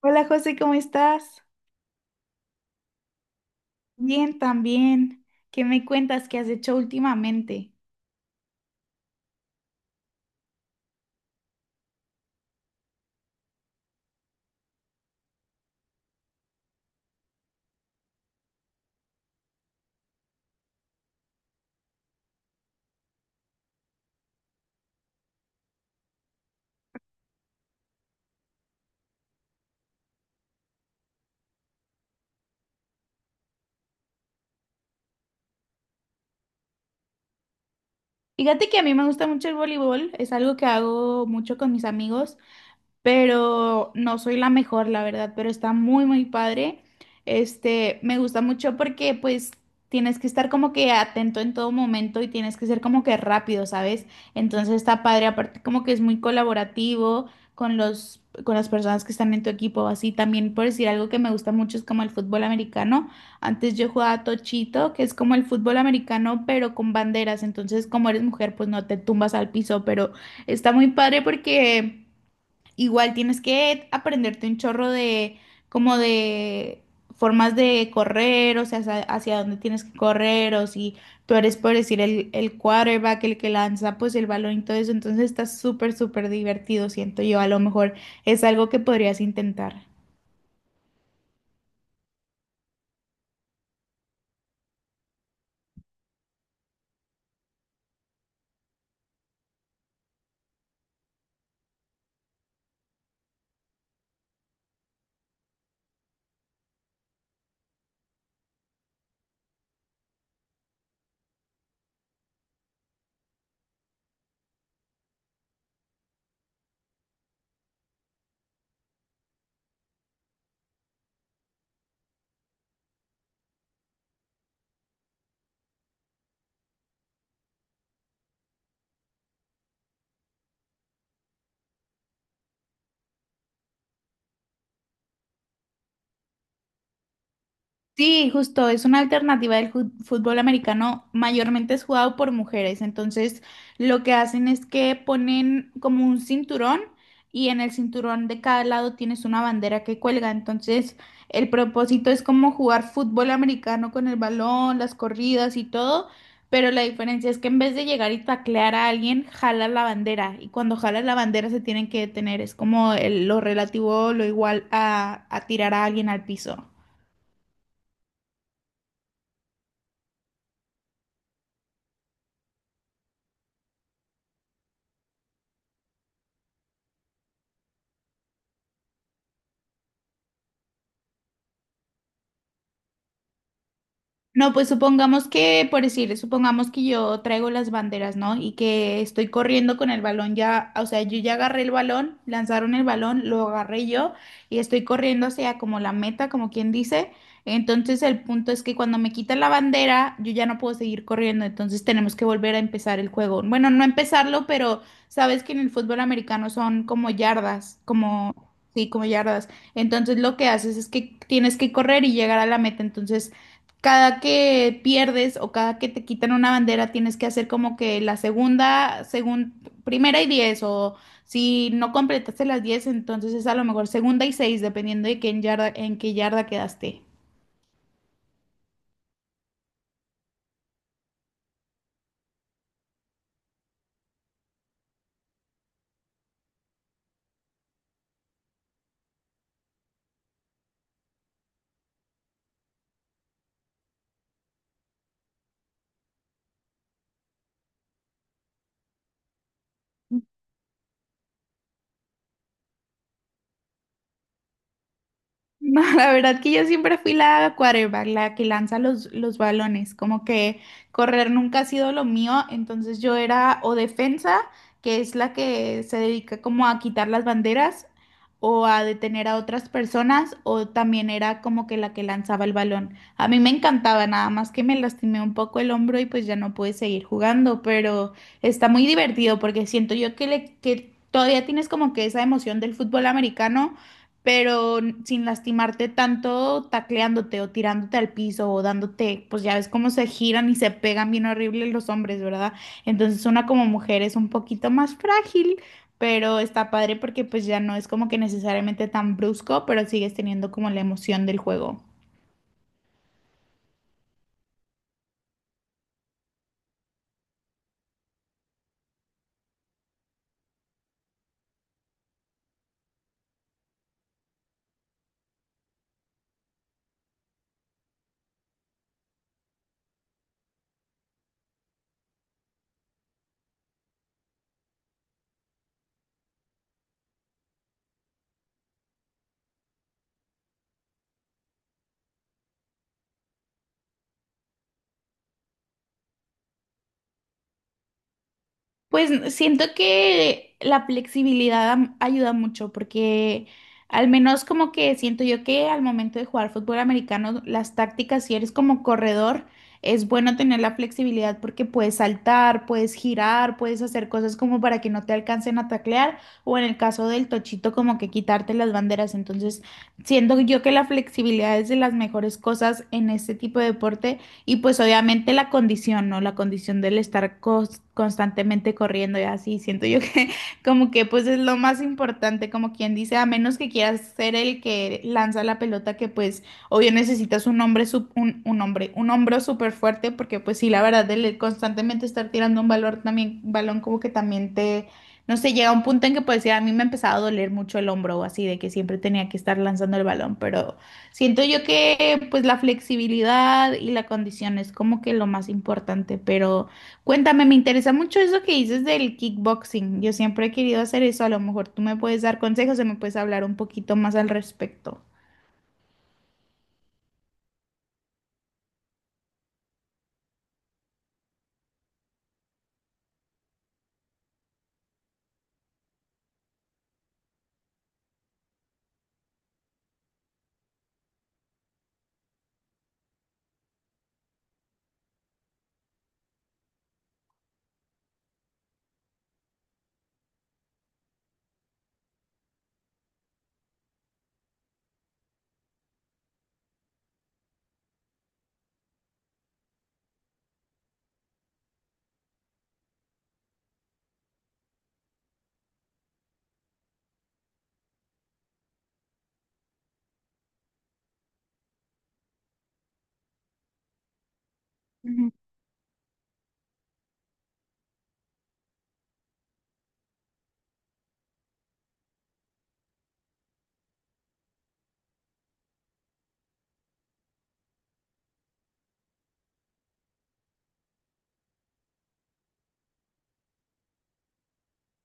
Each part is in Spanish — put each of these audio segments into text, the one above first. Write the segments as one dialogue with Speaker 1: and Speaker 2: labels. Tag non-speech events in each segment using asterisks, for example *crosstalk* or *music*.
Speaker 1: Hola José, ¿cómo estás? Bien, también. ¿Qué me cuentas? ¿Qué has hecho últimamente? Fíjate que a mí me gusta mucho el voleibol, es algo que hago mucho con mis amigos pero no soy la mejor, la verdad, pero está muy padre. Me gusta mucho porque pues tienes que estar como que atento en todo momento y tienes que ser como que rápido, ¿sabes? Entonces está padre, aparte como que es muy colaborativo con con las personas que están en tu equipo, así también por decir algo que me gusta mucho es como el fútbol americano. Antes yo jugaba tochito, que es como el fútbol americano, pero con banderas. Entonces, como eres mujer, pues no te tumbas al piso, pero está muy padre porque igual tienes que aprenderte un chorro de como de formas de correr, o sea, hacia dónde tienes que correr, o si tú eres, por decir, el quarterback, el que lanza pues el balón y todo eso, entonces está súper divertido, siento yo. A lo mejor es algo que podrías intentar. Sí, justo, es una alternativa del fútbol americano, mayormente es jugado por mujeres, entonces lo que hacen es que ponen como un cinturón y en el cinturón de cada lado tienes una bandera que cuelga, entonces el propósito es como jugar fútbol americano con el balón, las corridas y todo, pero la diferencia es que en vez de llegar y taclear a alguien, jala la bandera y cuando jala la bandera se tienen que detener, es como lo relativo, lo igual a tirar a alguien al piso. No, pues supongamos que, por decir, supongamos que yo traigo las banderas, ¿no? Y que estoy corriendo con el balón ya, o sea, yo ya agarré el balón, lanzaron el balón, lo agarré yo y estoy corriendo hacia como la meta, como quien dice. Entonces el punto es que cuando me quitan la bandera, yo ya no puedo seguir corriendo, entonces tenemos que volver a empezar el juego. Bueno, no empezarlo, pero sabes que en el fútbol americano son como yardas, como, sí, como yardas. Entonces lo que haces es que tienes que correr y llegar a la meta, entonces cada que pierdes o cada que te quitan una bandera, tienes que hacer como que la segunda, según 1.ª y 10, o si no completaste las 10, entonces es a lo mejor 2.ª y 6, dependiendo de qué en yarda, en qué yarda quedaste. *laughs* Ma, la verdad que yo siempre fui la quarterback, la que lanza los balones, como que correr nunca ha sido lo mío, entonces yo era o defensa, que es la que se dedica como a quitar las banderas o a detener a otras personas, o también era como que la que lanzaba el balón. A mí me encantaba, nada más que me lastimé un poco el hombro y pues ya no pude seguir jugando, pero está muy divertido porque siento yo que todavía tienes como que esa emoción del fútbol americano pero sin lastimarte tanto, tacleándote o tirándote al piso o dándote, pues ya ves cómo se giran y se pegan bien horrible los hombres, ¿verdad? Entonces una como mujer es un poquito más frágil, pero está padre porque pues ya no es como que necesariamente tan brusco, pero sigues teniendo como la emoción del juego. Pues siento que la flexibilidad ayuda mucho porque al menos como que siento yo que al momento de jugar fútbol americano, las tácticas, si eres como corredor, es bueno tener la flexibilidad porque puedes saltar, puedes girar, puedes hacer cosas como para que no te alcancen a taclear o en el caso del tochito como que quitarte las banderas. Entonces siento yo que la flexibilidad es de las mejores cosas en este tipo de deporte y pues obviamente la condición, ¿no? La condición del estar constantemente corriendo y así, siento yo que *laughs* como que pues es lo más importante, como quien dice, a menos que quieras ser el que lanza la pelota, que pues obvio necesitas un hombre, un hombre, un hombro súper fuerte, porque pues sí, la verdad, el constantemente estar tirando balón como que también te, no sé, llega un punto en que pues sí, a mí me empezaba a doler mucho el hombro o así, de que siempre tenía que estar lanzando el balón, pero... Siento yo que pues la flexibilidad y la condición es como que lo más importante, pero cuéntame, me interesa mucho eso que dices del kickboxing. Yo siempre he querido hacer eso, a lo mejor tú me puedes dar consejos o me puedes hablar un poquito más al respecto. Ujú.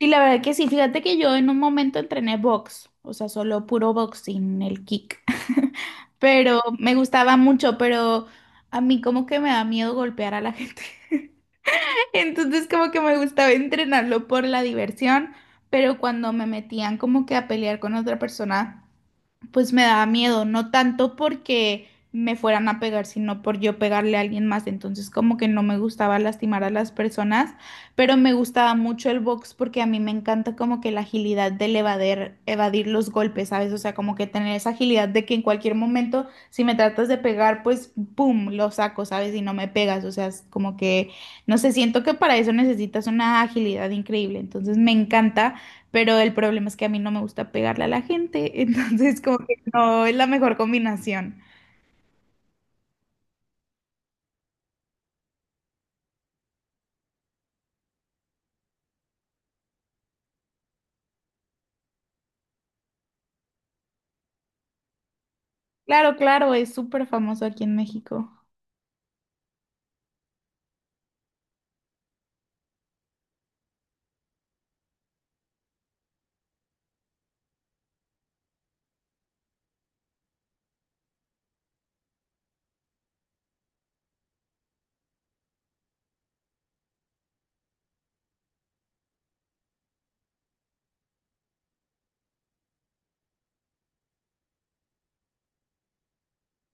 Speaker 1: Y la verdad que sí, fíjate que yo en un momento entrené box, o sea, solo puro boxing, el kick. *laughs* Pero me gustaba mucho, pero a mí como que me da miedo golpear a la *laughs* gente. *laughs* Entonces como que me gustaba entrenarlo por la diversión, pero cuando me metían como que a pelear con otra persona pues me daba miedo, no tanto porque me fueran a pegar, sino por yo pegarle a alguien más. Entonces, como que no me gustaba lastimar a las personas, pero me gustaba mucho el box porque a mí me encanta como que la agilidad del evadir los golpes, ¿sabes? O sea, como que tener esa agilidad de que en cualquier momento, si me tratas de pegar, pues, ¡pum!, lo saco, ¿sabes? Y no me pegas. O sea, es como que, no sé, siento que para eso necesitas una agilidad increíble. Entonces, me encanta. Pero el problema es que a mí no me gusta pegarle a la gente, *laughs* entonces como que no es la mejor combinación. Claro, claro, es súper famoso aquí en México.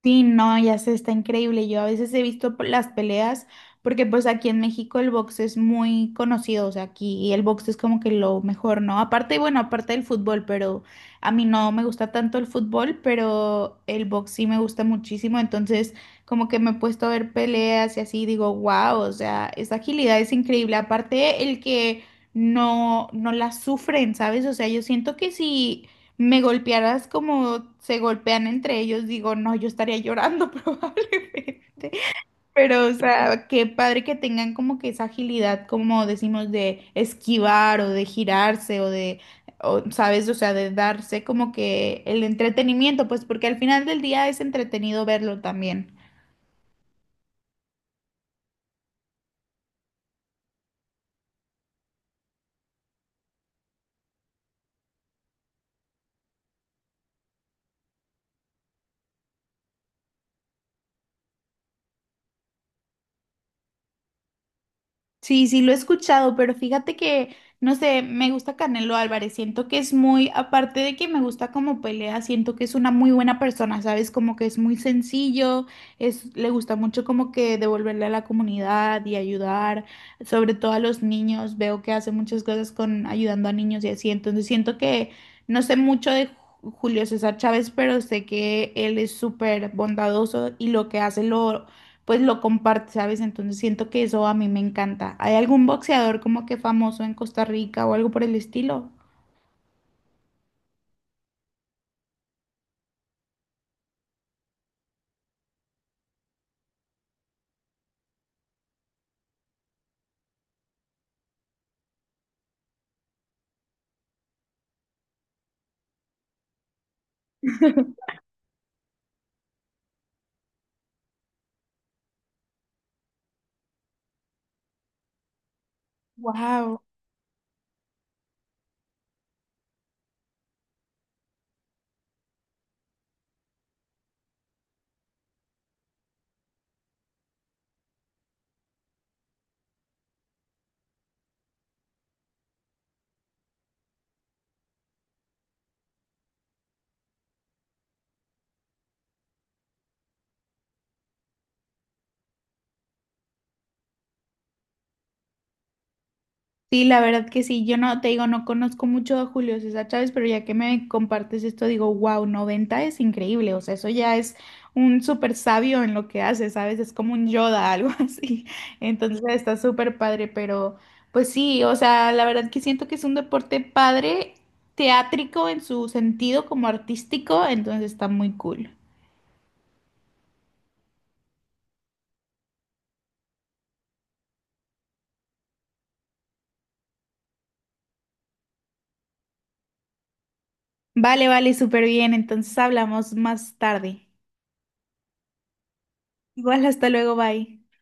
Speaker 1: Sí, no, ya sé, está increíble. Yo a veces he visto las peleas porque pues aquí en México el box es muy conocido, o sea, aquí el box es como que lo mejor, ¿no? Aparte, bueno, aparte del fútbol, pero a mí no me gusta tanto el fútbol, pero el box sí me gusta muchísimo, entonces como que me he puesto a ver peleas y así y digo, wow, o sea, esa agilidad es increíble. Aparte el que no la sufren, ¿sabes? O sea, yo siento que si me golpearas como se golpean entre ellos, digo, no, yo estaría llorando *laughs* probablemente. Pero, o sea, qué padre que tengan como que esa agilidad, como decimos, de esquivar o de girarse o ¿sabes? O sea, de darse como que el entretenimiento, pues porque al final del día es entretenido verlo también. Sí, sí, lo he escuchado, pero fíjate que, no sé, me gusta Canelo Álvarez, siento que es muy, aparte de que me gusta como pelea, siento que es una muy buena persona, ¿sabes? Como que es muy sencillo, es, le gusta mucho como que devolverle a la comunidad y ayudar, sobre todo a los niños, veo que hace muchas cosas con ayudando a niños y así, entonces siento que no sé mucho de Julio César Chávez, pero sé que él es súper bondadoso y lo que hace lo pues lo comparte, ¿sabes? Entonces siento que eso a mí me encanta. ¿Hay algún boxeador como que famoso en Costa Rica o algo por el estilo? Wow. Sí, la verdad que sí. Yo no, te digo, no conozco mucho a Julio César Chávez, pero ya que me compartes esto, digo, wow, 90 es increíble. O sea, eso ya es un súper sabio en lo que hace, ¿sabes? Es como un Yoda, *laughs* algo así. Entonces está súper padre, pero pues sí, o sea, la verdad que siento que es un deporte padre, teátrico en su sentido como artístico, entonces está muy cool. Vale, vale, súper bien. Entonces hablamos más tarde. Igual, hasta luego, bye.